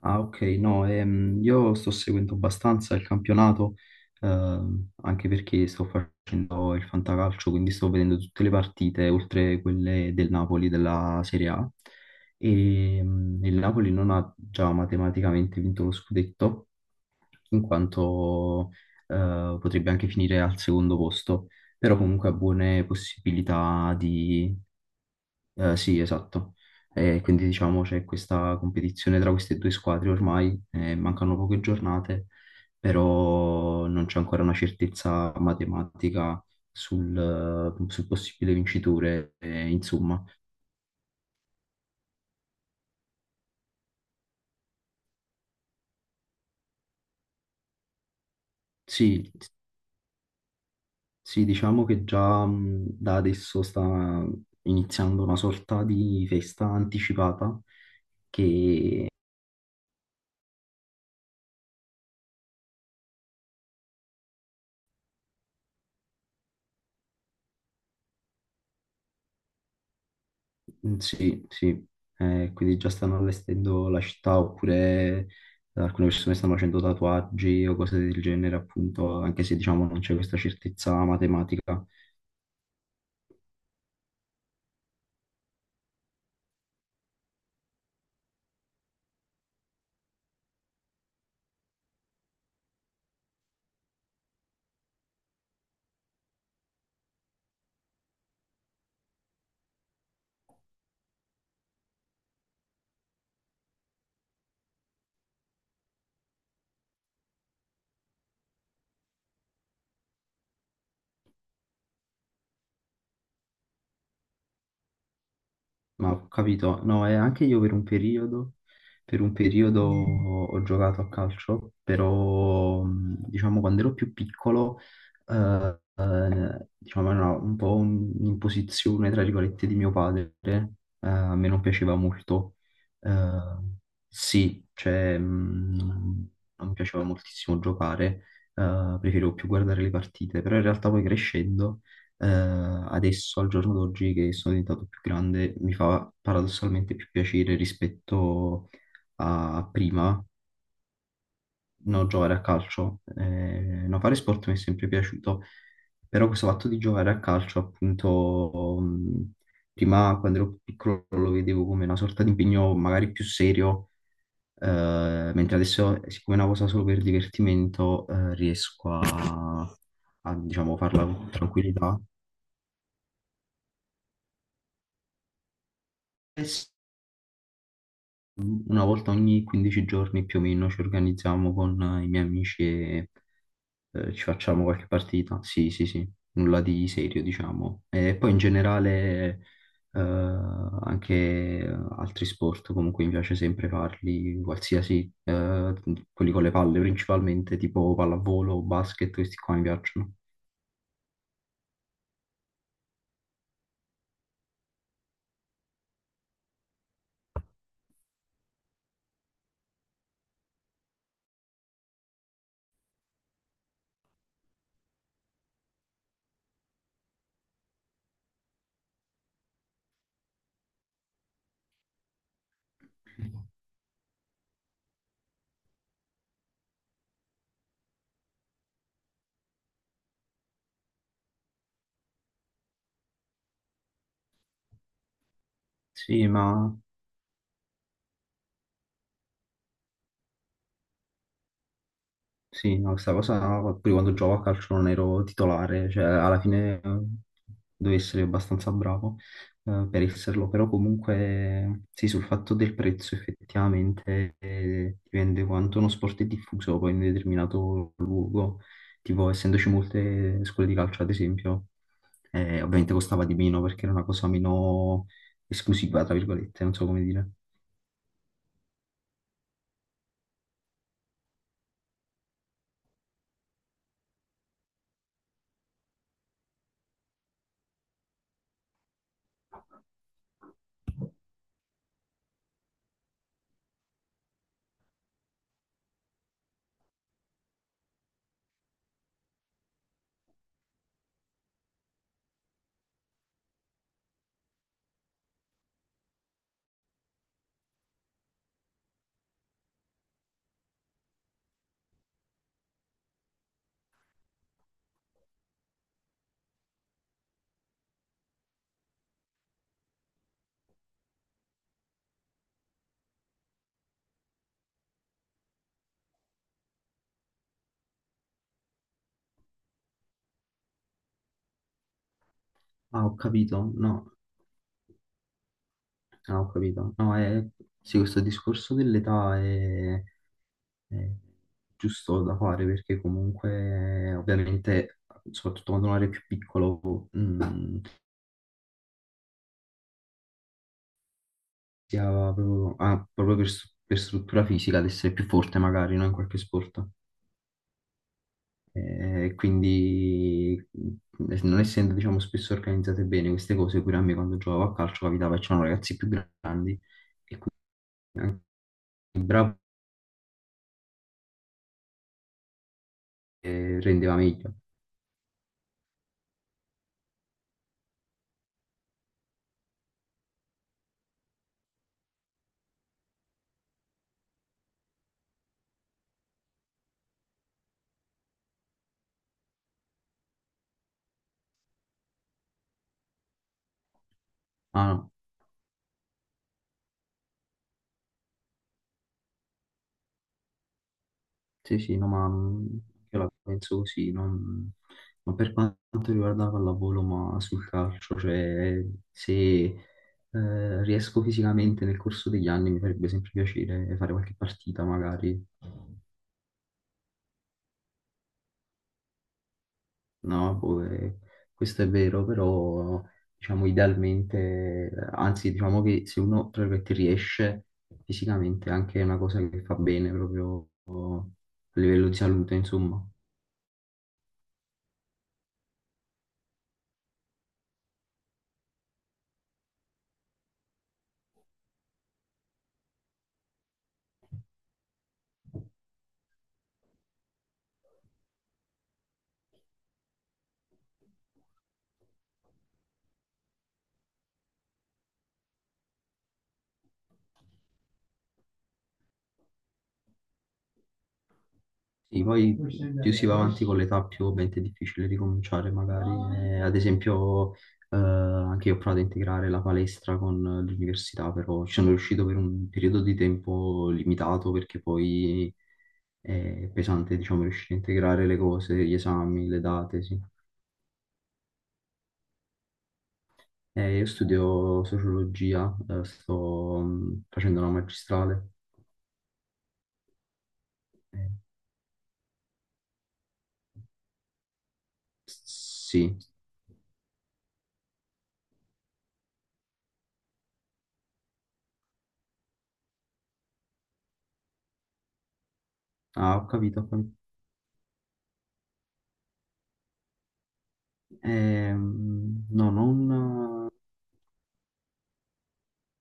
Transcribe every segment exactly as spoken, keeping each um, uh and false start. Ah, ok, no, ehm, io sto seguendo abbastanza il campionato, ehm, anche perché sto facendo il fantacalcio, quindi sto vedendo tutte le partite, oltre quelle del Napoli, della Serie A. E, mm, il Napoli non ha già matematicamente vinto lo scudetto, in quanto, eh, potrebbe anche finire al secondo posto, però comunque ha buone possibilità eh, sì, esatto. Eh, quindi diciamo c'è questa competizione tra queste due squadre ormai, eh, mancano poche giornate, però non c'è ancora una certezza matematica sul, eh, sul possibile vincitore. Eh, insomma, sì, sì, diciamo che già mh, da adesso sta iniziando una sorta di festa anticipata che. Mm, Sì, sì. Eh, quindi già stanno allestendo la città oppure alcune persone stanno facendo tatuaggi o cose del genere, appunto, anche se diciamo non c'è questa certezza matematica. Ma ho capito, no, e anche io per un periodo, per un periodo ho ho giocato a calcio, però mh, diciamo quando ero più piccolo, eh, eh, diciamo era un po' un- un'imposizione, tra virgolette, di mio padre, eh, a me non piaceva molto. Eh, sì, cioè mh, non non mi piaceva moltissimo giocare, eh, preferivo più guardare le partite, però in realtà poi crescendo, eh, adesso, al giorno d'oggi, che sono diventato più grande, mi fa paradossalmente più piacere rispetto a prima, no, giocare a calcio. Eh, no, fare sport mi è sempre piaciuto, però questo fatto di giocare a calcio, appunto, mh, prima quando ero più piccolo lo vedevo come una sorta di impegno magari più serio. Eh, mentre adesso, siccome è una cosa solo per divertimento, eh, riesco a, a, diciamo, farla con tranquillità. Una volta ogni quindici giorni più o meno ci organizziamo con eh, i miei amici e eh, ci facciamo qualche partita. Sì, sì, sì, nulla di serio, diciamo. E poi in generale, eh, anche eh, altri sport, comunque mi piace sempre farli, qualsiasi, eh, quelli con le palle principalmente, tipo pallavolo, basket, questi qua mi piacciono. Sì, ma sì, no, questa cosa pure quando gioco a calcio non ero titolare, cioè alla fine eh, devo essere abbastanza bravo eh, per esserlo, però comunque sì, sul fatto del prezzo effettivamente eh, dipende quanto uno sport è diffuso poi in un determinato luogo, tipo essendoci molte scuole di calcio ad esempio, eh, ovviamente costava di meno perché era una cosa meno esclusiva, tra virgolette, non so come dire. Ah, ho capito, no. Ah, ho capito. No, è, sì, questo discorso dell'età è, è giusto da fare perché comunque, ovviamente, soprattutto quando uno è più piccolo, mh, si ha proprio, ha proprio per, stru- per struttura fisica ad essere più forte magari, no, in qualche sport. E quindi, mh, non essendo, diciamo, spesso organizzate bene queste cose, pure a me quando giocavo a calcio capitava che c'erano ragazzi più grandi e quindi anche il bravo eh, rendeva meglio. Ah, no, sì, sì, no, ma mm, io la penso così, non- ma per quanto riguarda la pallavolo, ma sul calcio, cioè se eh, riesco fisicamente nel corso degli anni mi farebbe sempre piacere fare qualche partita magari, no? Boh, eh, questo è vero, però diciamo idealmente, anzi diciamo che se uno tra virgolette, riesce fisicamente anche è una cosa che fa bene proprio a livello di salute, insomma. Sì, poi più si va avanti con l'età, più ovviamente è difficile ricominciare, magari. Eh, ad esempio, eh, anche io ho provato a integrare la palestra con l'università, però ci sono riuscito per un periodo di tempo limitato perché poi è pesante, diciamo, riuscire a integrare le cose, gli esami, le date, sì. Eh, io studio sociologia, eh, sto mh, facendo una magistrale. Eh, s- sì, ah, ho capito, ho capito. Ehm, no, non...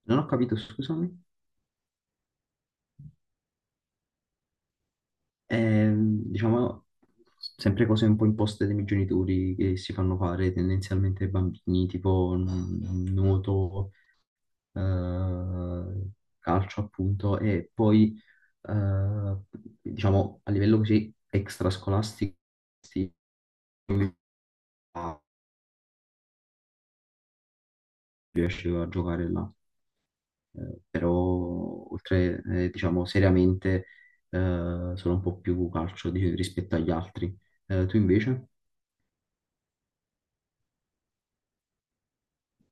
Non ho capito, scusami. Ehm, diciamo, sempre cose un po' imposte dai miei genitori che si fanno fare tendenzialmente ai bambini, tipo mm, nuoto, eh, calcio appunto, e poi, eh, diciamo, a livello così extrascolastico, sì, riesce a giocare là. Eh, però oltre, eh, diciamo, seriamente, eh, sono un po' più calcio di- rispetto agli altri. Eh, tu invece?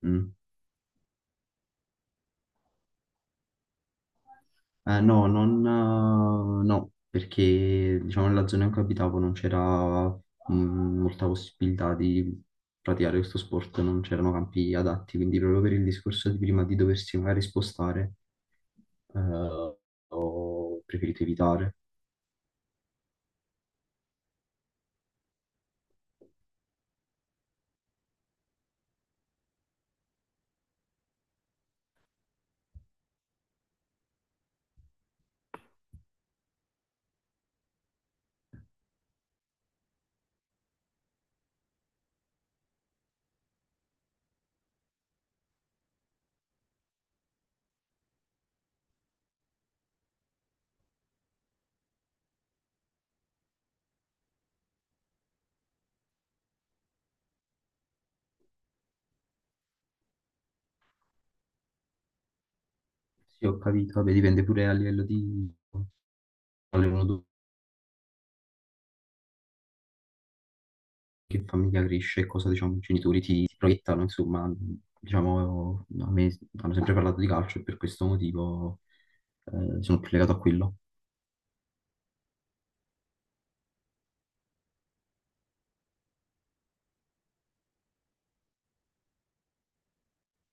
Mm. Eh, no, non, eh, no, perché diciamo nella zona in cui abitavo non c'era mh, molta possibilità di praticare questo sport, non c'erano campi adatti, quindi proprio per il discorso di prima di doversi magari spostare, eh, ho preferito evitare. Sì, ho capito, vabbè, dipende pure a livello di quale uno tu- che famiglia cresce e cosa diciamo i genitori ti, ti proiettano, insomma, diciamo, a me hanno sempre parlato di calcio e per questo motivo eh, sono più legato a quello.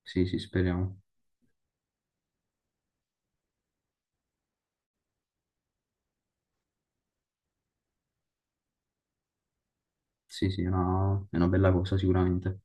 Sì, sì, speriamo. Sì, sì, è una, è una bella cosa sicuramente.